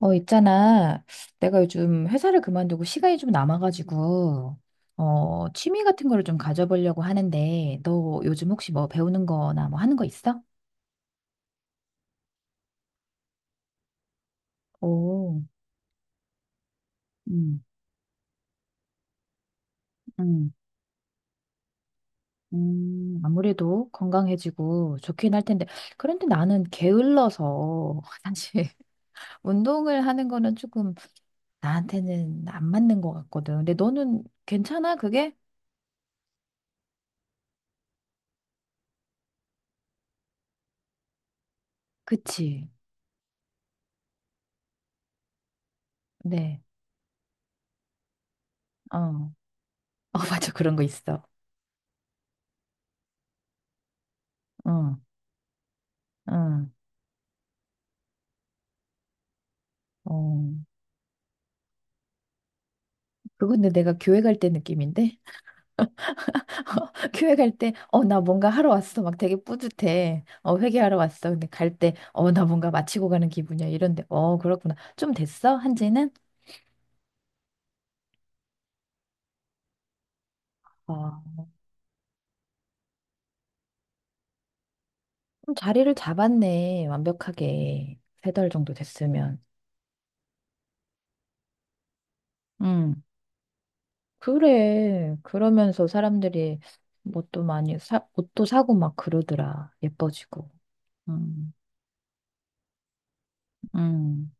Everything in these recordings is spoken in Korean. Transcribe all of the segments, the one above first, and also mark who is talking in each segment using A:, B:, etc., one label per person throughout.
A: 있잖아. 내가 요즘 회사를 그만두고 시간이 좀 남아가지고, 취미 같은 거를 좀 가져보려고 하는데, 너 요즘 혹시 뭐 배우는 거나 뭐 하는 거 있어? 오, 음, 음, 아무래도 건강해지고 좋긴 할 텐데, 그런데 나는 게을러서, 사실, 운동을 하는 거는 조금 나한테는 안 맞는 것 같거든. 근데 너는 괜찮아, 그게? 그치. 네, 어. 어, 맞아. 그런 거 있어. 응, 응. 어, 그건데 내가 교회 갈 때 느낌인데? 교회 갈 때, 나 뭔가 하러 왔어. 막 되게 뿌듯해. 회개하러 왔어. 근데 갈 때, 나 뭔가 마치고 가는 기분이야. 이런데, 그렇구나. 좀 됐어? 한지는? 어 좀 자리를 잡았네. 완벽하게. 세 달 정도 됐으면. 음 그래. 그러면서 사람들이 뭐 또 많이 옷도 사고 막 그러더라. 예뻐지고. 음, 음,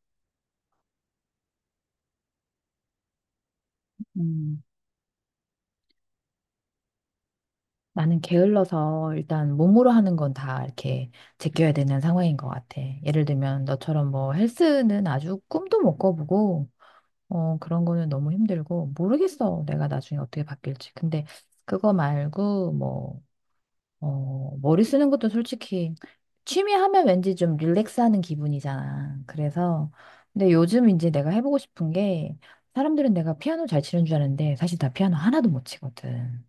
A: 음. 나는 게을러서 일단 몸으로 하는 건 다 이렇게 제껴야 되는 상황인 것 같아. 예를 들면 너처럼 뭐 헬스는 아주 꿈도 못 꿔보고 그런 거는 너무 힘들고 모르겠어. 내가 나중에 어떻게 바뀔지. 근데 그거 말고 뭐 머리 쓰는 것도 솔직히 취미 하면 왠지 좀 릴렉스하는 기분이잖아. 그래서 근데 요즘 이제 내가 해보고 싶은 게 사람들은 내가 피아노 잘 치는 줄 아는데 사실 나 피아노 하나도 못 치거든.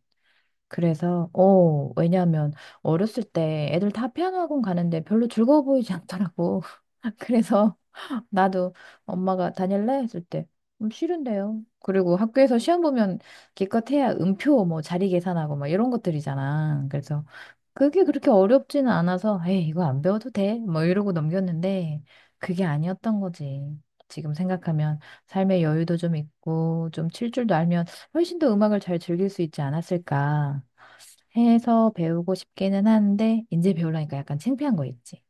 A: 그래서, 왜냐하면 어렸을 때 애들 다 피아노 학원 가는데 별로 즐거워 보이지 않더라고. 그래서 나도 엄마가 다닐래? 했을 때, 싫은데요. 그리고 학교에서 시험 보면 기껏 해야 음표 뭐 자리 계산하고 막 이런 것들이잖아. 그래서 그게 그렇게 어렵지는 않아서, 에이, 이거 안 배워도 돼. 뭐 이러고 넘겼는데 그게 아니었던 거지. 지금 생각하면 삶의 여유도 좀 있고 좀 칠 줄도 알면 훨씬 더 음악을 잘 즐길 수 있지 않았을까. 해서 배우고 싶기는 한데 이제 배우려니까 약간 창피한 거 있지.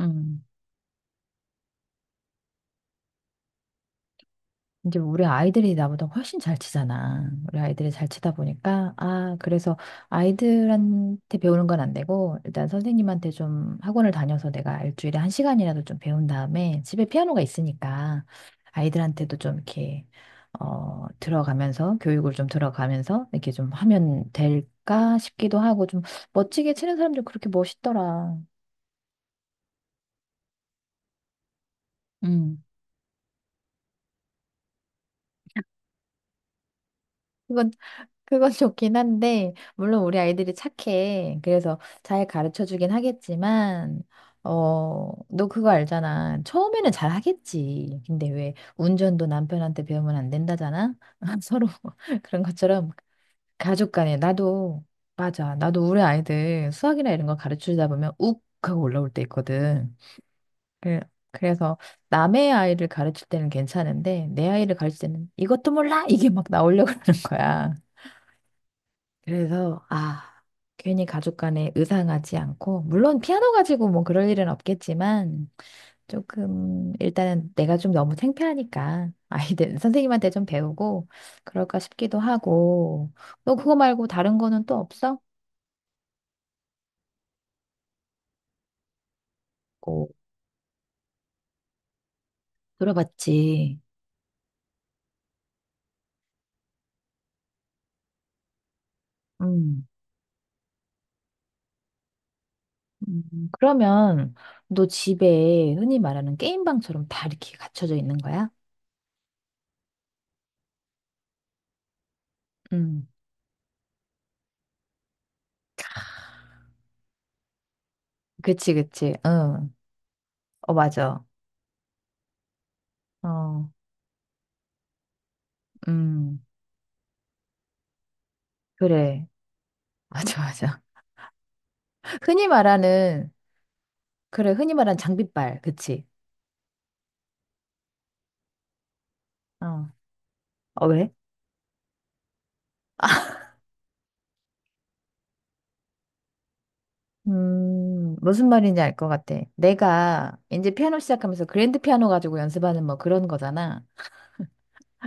A: 음. 이제 우리 아이들이 나보다 훨씬 잘 치잖아. 우리 아이들이 잘 치다 보니까 아, 그래서 아이들한테 배우는 건 안 되고 일단 선생님한테 좀 학원을 다녀서 내가 일주일에 한 시간이라도 좀 배운 다음에 집에 피아노가 있으니까 아이들한테도 좀 이렇게 들어가면서 교육을 좀 들어가면서 이렇게 좀 하면 될까 싶기도 하고 좀 멋지게 치는 사람들 그렇게 멋있더라. 음. 그건 좋긴 한데, 물론 우리 아이들이 착해. 그래서 잘 가르쳐 주긴 하겠지만, 너 그거 알잖아. 처음에는 잘 하겠지. 근데 왜 운전도 남편한테 배우면 안 된다잖아? 서로 그런 것처럼 가족 간에 나도, 맞아. 나도 우리 아이들 수학이나 이런 거 가르쳐 주다 보면 욱 하고 올라올 때 있거든. 그- 그래서 남의 아이를 가르칠 때는 괜찮은데, 내 아이를 가르칠 때는 이것도 몰라! 이게 막 나오려고 그러는 거야. 그래서 아, 괜히 가족 간에 의상하지 않고 물론 피아노 가지고 뭐 그럴 일은 없겠지만 조금 일단은 내가 좀 너무 창피하니까 아이들 선생님한테 좀 배우고 그럴까 싶기도 하고 너 그거 말고 다른 거는 또 없어? 어, 들어봤지. 음. 그러면 너 집에 흔히 말하는 게임방처럼 다 이렇게 갖춰져 있는 거야? 음. 그치, 그치. 응. 어, 맞아. 어. 음. 그래. 맞아, 맞아. 흔히 말하는, 그래, 흔히 말하는 장비빨, 그치? 어. 어, 왜? 무슨 말인지 알 것 같아. 내가 이제 피아노 시작하면서 그랜드 피아노 가지고 연습하는 뭐 그런 거잖아.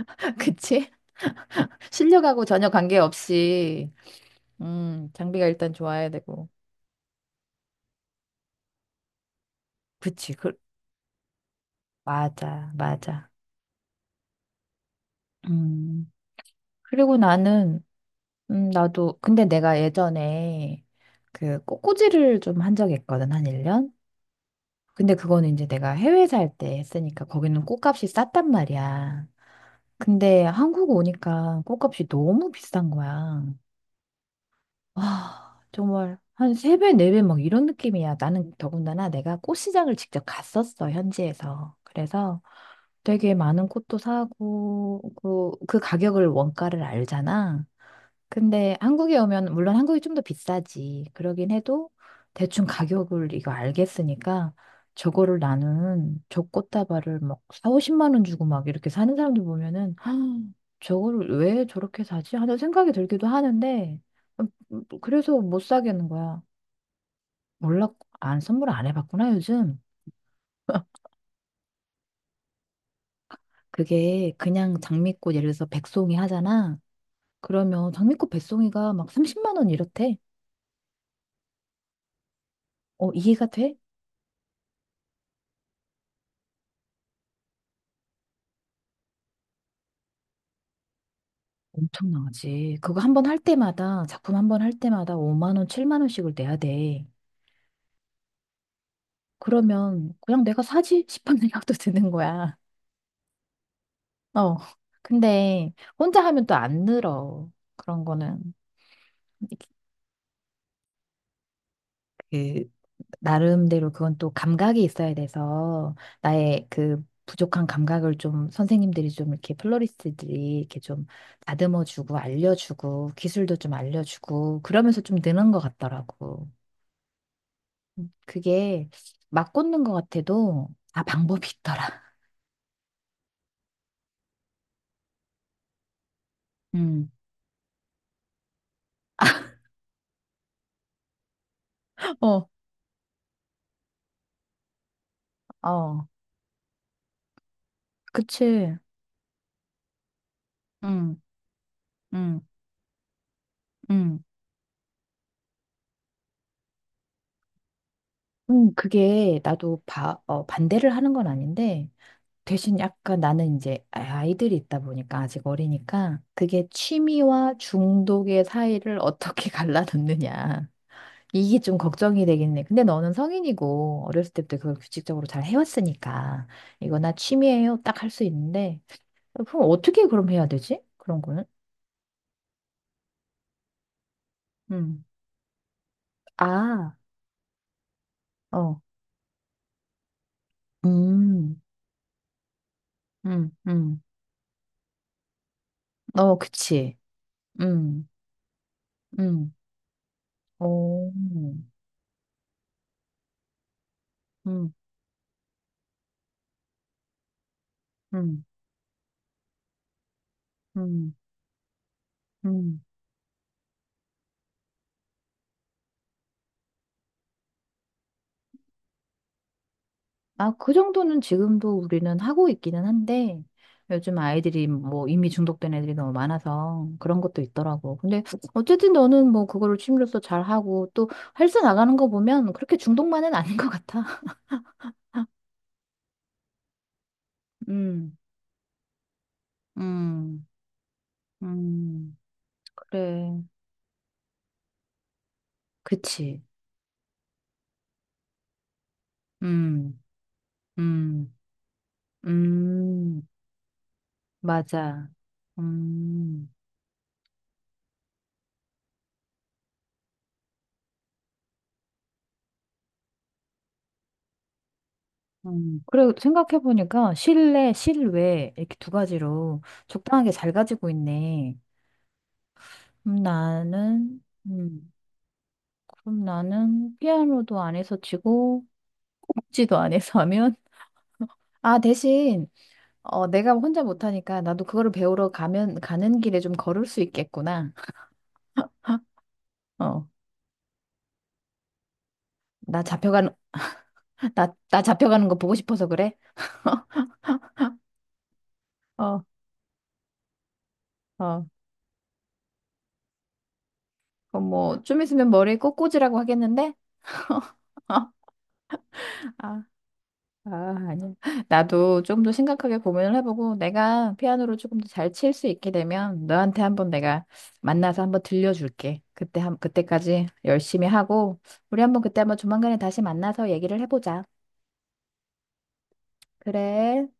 A: 그치? 실력하고 전혀 관계없이, 장비가 일단 좋아야 되고. 그치, 맞아, 맞아. 음, 그리고 나는, 근데 내가 예전에 그 꽃꽂이를 좀 한 적이 있거든, 한 1년? 근데 그거는 이제 내가 해외 살 때 했으니까 거기는 꽃값이 쌌단 말이야. 근데 한국 오니까 꽃값이 너무 비싼 거야. 와, 정말 한 세 배 네 배 막 이런 느낌이야. 나는 더군다나 내가 꽃시장을 직접 갔었어, 현지에서. 그래서 되게 많은 꽃도 사고, 그, 그 가격을 원가를 알잖아. 근데 한국에 오면 물론 한국이 좀 더 비싸지. 그러긴 해도 대충 가격을 이거 알겠으니까 저거를 나는 저 꽃다발을 막사 50만 원 주고 막 이렇게 사는 사람들 보면은 아, 저거를 왜 저렇게 사지? 하는 생각이 들기도 하는데 뭐 그래서 못 사겠는 거야. 몰라 안 선물 안 해봤구나 요즘. 그게 그냥 장미꽃 예를 들어서 백송이 하잖아. 그러면 장미꽃 백송이가 막 30만 원 이렇대. 이해가 돼? 엄청나지. 그거 한 번 할 때마다, 작품 한 번 할 때마다 5만 원, 7만 원씩을 내야 돼. 그러면 그냥 내가 사지 싶은 생각도 드는 거야. 어. 근데 혼자 하면 또 안 늘어. 그런 거는. 그, 나름대로 그건 또 감각이 있어야 돼서, 나의 그 부족한 감각을 좀 선생님들이 좀 이렇게 플로리스트들이 이렇게 좀 다듬어주고, 알려주고, 기술도 좀 알려주고, 그러면서 좀 느는 것 같더라고. 그게 막 꽂는 것 같아도 다 방법이 있더라. 음. 어, 어, 그치. 응, 응, 응. 그게 나도 반대를 하는 건 아닌데, 대신 약간 나는 이제 아이들이 있다 보니까 아직 어리니까, 그게 취미와 중독의 사이를 어떻게 갈라놓느냐. 이게 좀 걱정이 되겠네. 근데 너는 성인이고, 어렸을 때부터 그걸 규칙적으로 잘 해왔으니까, 이거 나 취미예요. 딱 할 수 있는데, 그럼 어떻게 그럼 해야 되지? 그런 거는? 음. 아, 어. 음, 음, 음. 어, 그치. 음, 음. 어, 음, 음, 음. 아, 그 정도는 지금도 우리는 하고 있기는 한데, 요즘 아이들이 뭐 이미 중독된 애들이 너무 많아서 그런 것도 있더라고. 근데 어쨌든 너는 뭐 그거를 취미로서 잘하고 또 헬스 나가는 거 보면 그렇게 중독만은 아닌 것 같아. 음, 음, 음. 그래. 그치. 음, 음, 음, 맞아. 음, 그래, 생각해보니까 실내, 실외 이렇게 두 가지로 적당하게 잘 가지고 있네. 그럼 나는, 음, 그럼 나는 피아노도 안 해서 치고, 복지도 안 해서 하면, 아, 대신, 내가 혼자 못하니까 나도 그거를 배우러 가면, 가는 길에 좀 걸을 수 있겠구나. 어, 나 잡혀가는, 나 잡혀가는 거 보고 싶어서 그래? 어, 어. 그럼 뭐, 좀 있으면 머리 꼬꼬지라고 하겠는데? 아, 아, 아니야. 나도 조금 더 심각하게 고민을 해보고 내가 피아노를 조금 더 잘 칠 수 있게 되면 너한테 한번 내가 만나서 한번 들려줄게. 그때 한 그때까지 열심히 하고 우리 한번 그때 한번 조만간에 다시 만나서 얘기를 해보자. 그래.